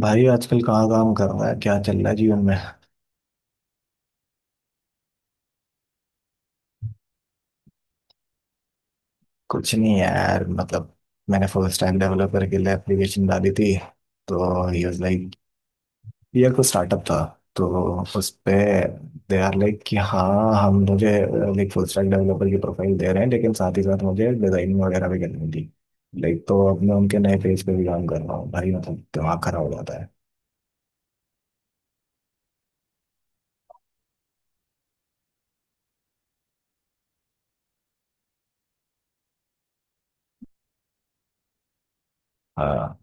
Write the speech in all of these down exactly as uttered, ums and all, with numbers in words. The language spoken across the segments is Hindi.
भाई, आजकल कहाँ काम कर रहा है? क्या चल रहा है जीवन में? कुछ नहीं है यार, मतलब। मैंने फुल स्टैक डेवलपर के लिए एप्लीकेशन डाली थी। तो ही वाज लाइक, ये कोई स्टार्टअप था। तो उस पे दे आर लाइक कि हाँ, हम मुझे लाइक फुल स्टैक डेवलपर की प्रोफाइल दे रहे हैं, लेकिन साथ ही साथ मुझे डिजाइनिंग वगैरह भी करनी थी। लाइक तो अब मैं उनके नए पेज पे भी काम कर रहा हूँ भाई, मतलब दिमाग खराब हो जाता है। हाँ।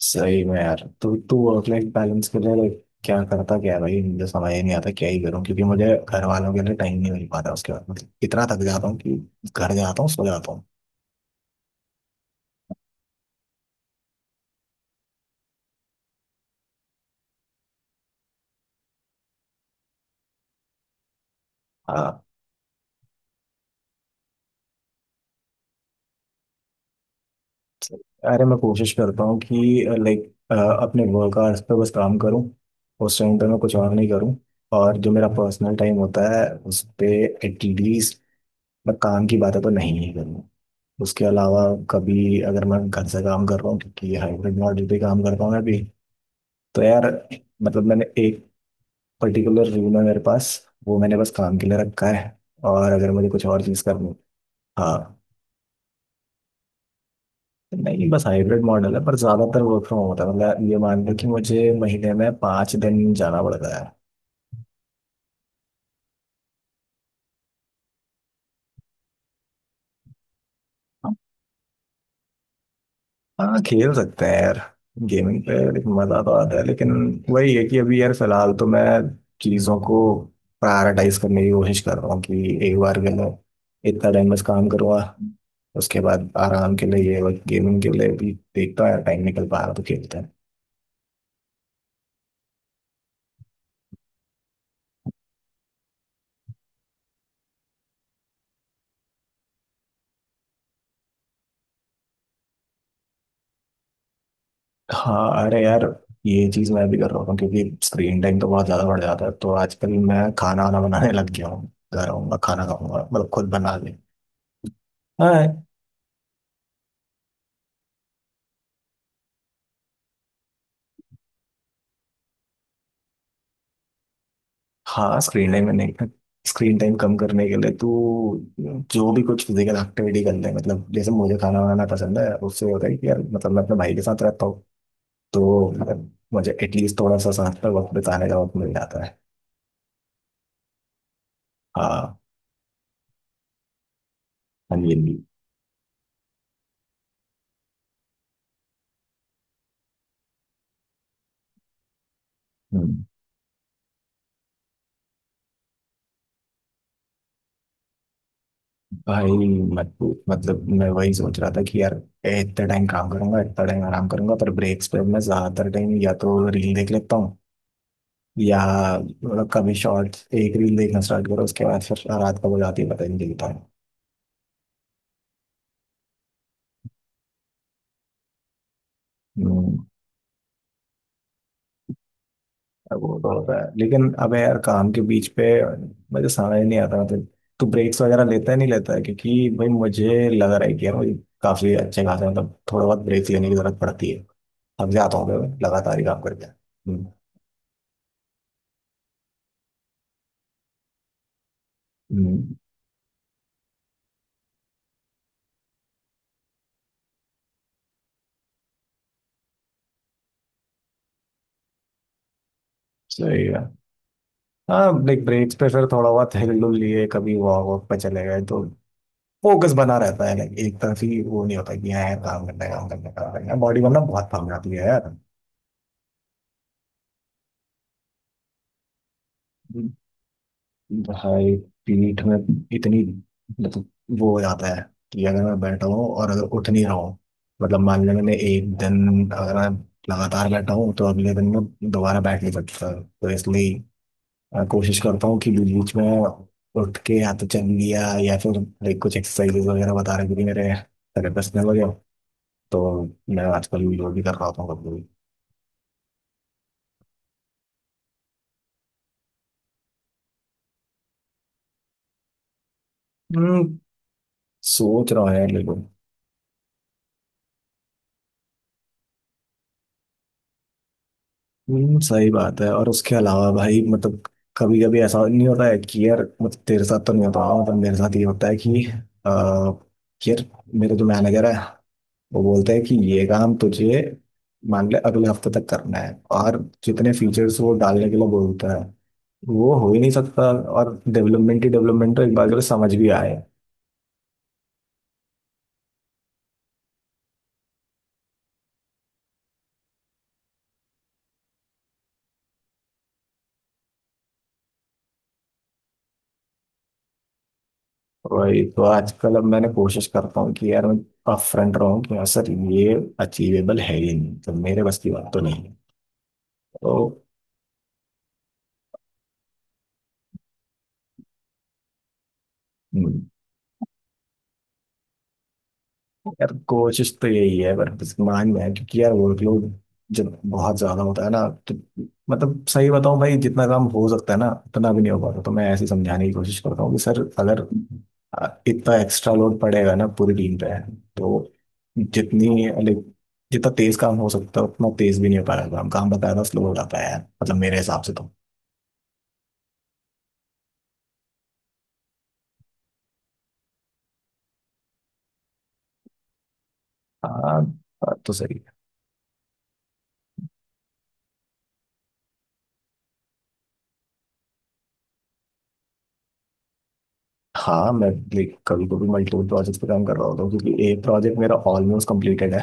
सही में यार, तू तू वर्क लाइफ बैलेंस के लिए like, क्या करता क्या है भाई? मुझे समझ ही नहीं आता क्या ही करूँ, क्योंकि मुझे घर वालों के लिए टाइम नहीं मिल पाता, उसके बाद मतलब इतना थक जाता हूँ कि घर जाता हूँ, सो जाता हूँ। हाँ। अरे मैं कोशिश करता हूँ कि लाइक अपने वर्क आवर्स पे बस काम करूँ, उस टाइम पे मैं कुछ और नहीं करूँ। और जो मेरा पर्सनल टाइम होता है उस पे एटलीस्ट मैं काम की बातें तो नहीं ही करूँ। उसके अलावा, कभी अगर मैं घर से काम कर रहा हूँ क्योंकि हाइब्रिड मॉडल पे काम करता हूँ मैं भी, तो यार मतलब मैंने एक पर्टिकुलर रूल है मेरे पास, वो मैंने बस काम के लिए रखा है। और अगर मुझे कुछ और चीज़ करनी। हाँ। नहीं, बस हाइब्रिड मॉडल है, पर ज़्यादातर वर्क फ्रॉम होता है। मतलब ये मान लो कि मुझे महीने में पाँच दिन जाना पड़ता है। हाँ, खेल सकते हैं यार गेमिंग पे, लेकिन मजा तो आता है, लेकिन वही है कि अभी यार फिलहाल तो मैं चीजों को प्रायोरिटाइज करने की कोशिश कर रहा हूँ कि एक बार के लिए इतना टाइम बस काम करूँगा, उसके बाद आराम के लिए ये वक्त गेमिंग के लिए भी देखता हूँ यार, टाइम निकल पा रहा तो खेलते हैं। हाँ, अरे यार ये चीज मैं भी कर रहा हूँ, क्योंकि स्क्रीन टाइम तो बहुत ज्यादा बढ़ जाता है, तो आजकल मैं खाना वाना बनाने लग गया हूँ, घर आऊंगा खाना खाऊंगा, मतलब खुद बना ले। हाँ। हाँ, स्क्रीन टाइम मैंने, स्क्रीन टाइम कम करने के लिए तो जो भी कुछ फिजिकल एक्टिविटी कर ले, मतलब जैसे मुझे खाना बनाना पसंद है, उससे होता है कि यार मतलब मैं अपने भाई के साथ रहता हूँ, तो मतलब मुझे एटलीस्ट थोड़ा सा साथ में वक्त बिताने का वक्त मिल जाता है। हाँ। हाँ जी, हाँ जी। हम्म, भाई मत पूछ, मतलब मैं वही सोच रहा था कि यार इतना टाइम काम करूंगा इतना टाइम आराम करूंगा, पर ब्रेक्स पे मैं ज्यादातर टाइम या तो रील देख लेता हूँ, या मतलब कभी शॉर्ट एक रील देखना स्टार्ट करो, उसके बाद फिर रात कब हो जाती है पता ही नहीं चलता। हम्म, अब वो तो होता है, लेकिन अबे यार काम के बीच पे मुझे समझ नहीं आता, मतलब तू ब्रेक्स वगैरह लेता है नहीं लेता है? क्योंकि भाई मुझे लग रहा है कि यार मुझे काफी अच्छे खासे, मतलब थोड़ा बहुत ब्रेक लेने की जरूरत पड़ती है, थक जाता हूँ मैं लगातार ही काम करके। हम्म, हम्म, सही है। हाँ लाइक ब्रेक्स पे फिर थोड़ा बहुत हिल डुल लिए, कभी वॉक वॉक पे चले गए, तो फोकस बना रहता है लाइक, एक तरफ ही वो नहीं होता कि हाँ यार काम करना है काम करना है काम करना है, बॉडी वरना बहुत थक जाती है यार। भाई, पीठ में इतनी, मतलब वो हो जाता है कि अगर मैं बैठा हूँ और अगर उठ नहीं रहा हूँ, मतलब मान लें मैंने एक दिन अगर मैं लगातार बैठा हूँ, तो अगले दिन मैं दोबारा बैठ नहीं सकता। तो इसलिए अ, कोशिश करता हूँ कि बीच बीच में उठ के या तो चल लिया, या फिर लाइक कुछ एक्सरसाइजेज वगैरह बता रहे थे मेरे थेरेपिस्ट ने वगैरह, तो मैं आजकल वो भी कर रहा होता हूँ कभी कभी। हम्म, सोच रहा हूँ यार, लेकिन हम्म, सही बात है। और उसके अलावा भाई, मतलब कभी कभी ऐसा नहीं होता है कि यार, मतलब तेरे साथ तो नहीं होता, मतलब मेरे साथ ये होता है कि आ, यार मेरे जो मैनेजर है वो बोलते हैं कि ये काम तुझे मान ले अगले हफ्ते तक करना है, और जितने फीचर्स वो डालने के लिए बोलता है वो हो ही नहीं सकता। और डेवलपमेंट ही डेवलपमेंट तो एक बार के लिए समझ भी आए। वही तो आजकल अब मैंने कोशिश करता हूँ कि यार मैं अपफ्रंट रहूँ कि यार सर, ये अचीवेबल है ही नहीं, तो मेरे बस की बात तो नहीं है। तो हम्म। यार कोशिश तो यही है, पर बस मान में है, क्योंकि यार वर्कलोड जब बहुत ज्यादा होता है ना, तो मतलब सही बताऊं भाई, जितना काम हो सकता है ना, उतना भी नहीं हो पाता। तो मैं ऐसे ही समझाने की कोशिश करता हूँ कि सर अगर अ, इतना एक्स्ट्रा लोड पड़ेगा ना पूरी टीम पे, तो जितनी like, जितना तेज काम हो सकता है उतना तेज भी नहीं हो पाएगा, काम काम बकायदा स्लो हो जाता है यार, मतलब मेरे हिसाब से तो। हाँ, बात तो सही है। हाँ, मैं लाइक कभी कभी मल्टीपल प्रोजेक्ट्स पे काम कर रहा होता हूँ, क्योंकि एक प्रोजेक्ट मेरा ऑलमोस्ट कंप्लीटेड है,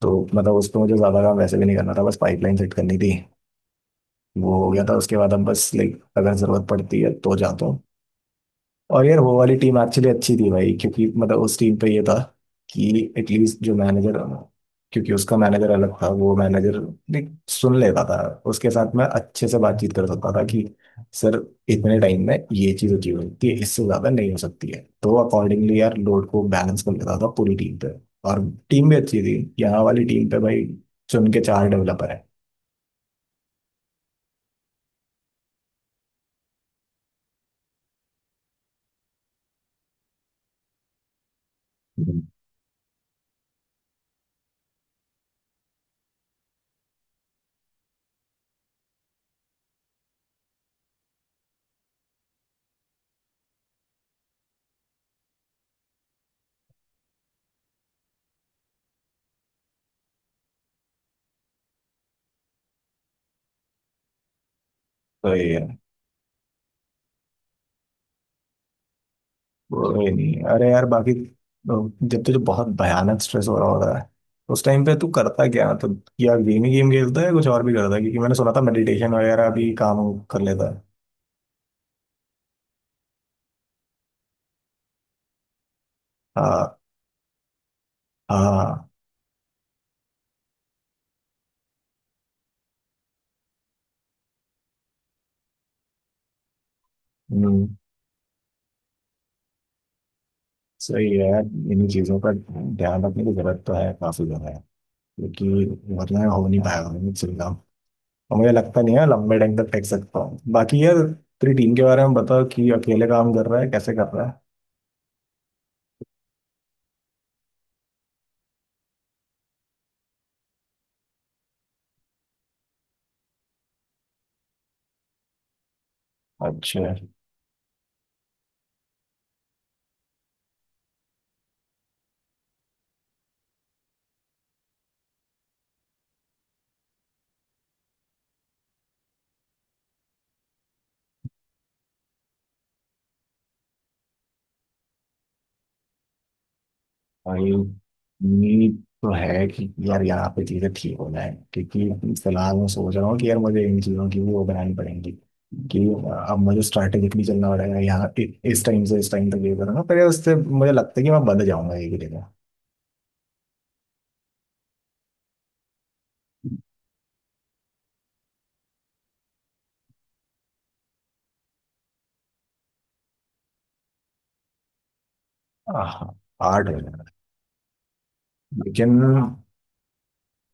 तो मतलब उसपे मुझे ज्यादा काम वैसे भी नहीं करना था, बस पाइपलाइन सेट करनी थी, वो हो गया था, उसके बाद अब बस लाइक अगर जरूरत पड़ती है तो जाता हूँ। और यार वो वाली टीम एक्चुअली अच्छी थी भाई, क्योंकि मतलब उस टीम पे ये था कि एटलीस्ट जो मैनेजर, क्योंकि उसका मैनेजर अलग था, वो मैनेजर सुन लेता था, उसके साथ मैं अच्छे से बातचीत कर सकता था कि सर इतने टाइम में ये चीज़ अचीव होती है, इससे ज़्यादा नहीं हो सकती है, तो अकॉर्डिंगली यार लोड को बैलेंस कर लेता था पूरी टीम पे। और टीम भी अच्छी थी, यहाँ वाली टीम पे भाई चुन के चार डेवलपर है। तो ये बोले नहीं, अरे यार बाकी तो जब तुझे बहुत भयानक स्ट्रेस हो रहा होता है, तो उस टाइम पे तू करता क्या, मतलब या गेम ही गेम खेलता है या कुछ और भी करता है? क्योंकि मैंने सुना था मेडिटेशन वगैरह भी काम कर लेता है। हाँ। हाँ। हम्म, सही है यार, इन्हीं चीज़ों पर ध्यान रखने की जरूरत तो है, काफी ज्यादा है। क्योंकि वरना हो नहीं पाएगा मुझसे भी काम, और मुझे लगता नहीं है लंबे टाइम तक टेक सकता हूँ। बाकी यार तेरी टीम के बारे में बताओ कि अकेले काम कर रहा है, कैसे कर रहा है? अच्छा। भाई उम्मीद तो है कि यार यहाँ पे चीजें ठीक हो जाए, क्योंकि फिलहाल मैं सोच रहा हूँ कि यार मुझे इन चीजों की भी वो बनानी पड़ेगी कि अब मुझे स्ट्रैटेजिकली चलना पड़ेगा, यहाँ इ- इस टाइम से इस टाइम तक ये करूँगा, पर उससे मुझे लगता है कि मैं बंद जाऊंगा एक ही जगह। हाँ, आर्ट हो जाएगा। लेकिन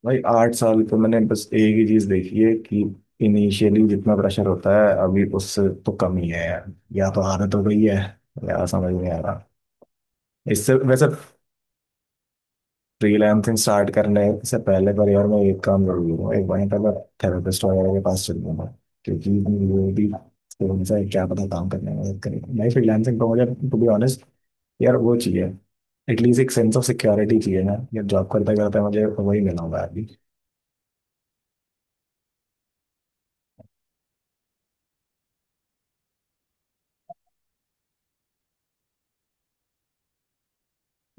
भाई आठ साल तो मैंने बस एक ही चीज देखी है कि इनिशियली जितना प्रेशर होता है, अभी उससे तो कम ही है यार, या तो आदत हो गई है, या समझ नहीं आ रहा इससे वैसे। फ्रीलांसिंग स्टार्ट करने से पहले परिवार में एक काम जरूर लूंगा, एक बार पहले थेरेपिस्ट वगैरह के पास चल लूंगा, क्योंकि वो भी फोन से क्या पता काम करने में मदद करेगा, नहीं फ्रीलांसिंग तो मुझे, टू बी ऑनेस्ट यार वो चाहिए, एटलीस्ट एक सेंस ऑफ सिक्योरिटी चाहिए ना यार, जॉब करते करते मुझे वही मिला होगा अभी।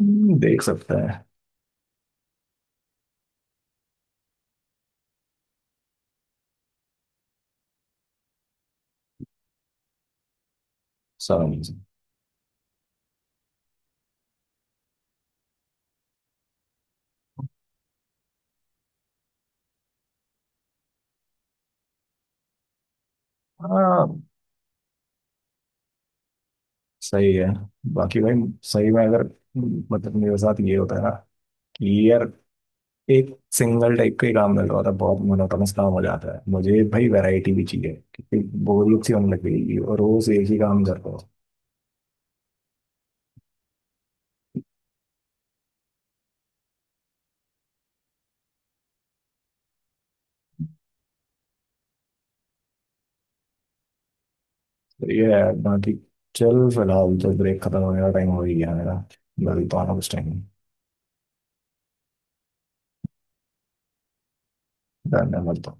हम्म, देख सकते हैं सारा चीज़। हाँ सही है बाकी भाई, सही में अगर मतलब मेरे साथ ये होता है ना कि यार एक सिंगल टाइप का ही काम मिल रहा था, बहुत मोनोटोनस काम हो जाता है मुझे भाई, वैरायटी भी चाहिए, क्योंकि बोरियत सी होने लग गई और रोज एक ही काम करता हूँ। तो ये है बाकी, चल फिलहाल तो ब्रेक खत्म होने का टाइम हो ही गया मेरा, मिलता हूँ उस टाइम। धन्यवाद।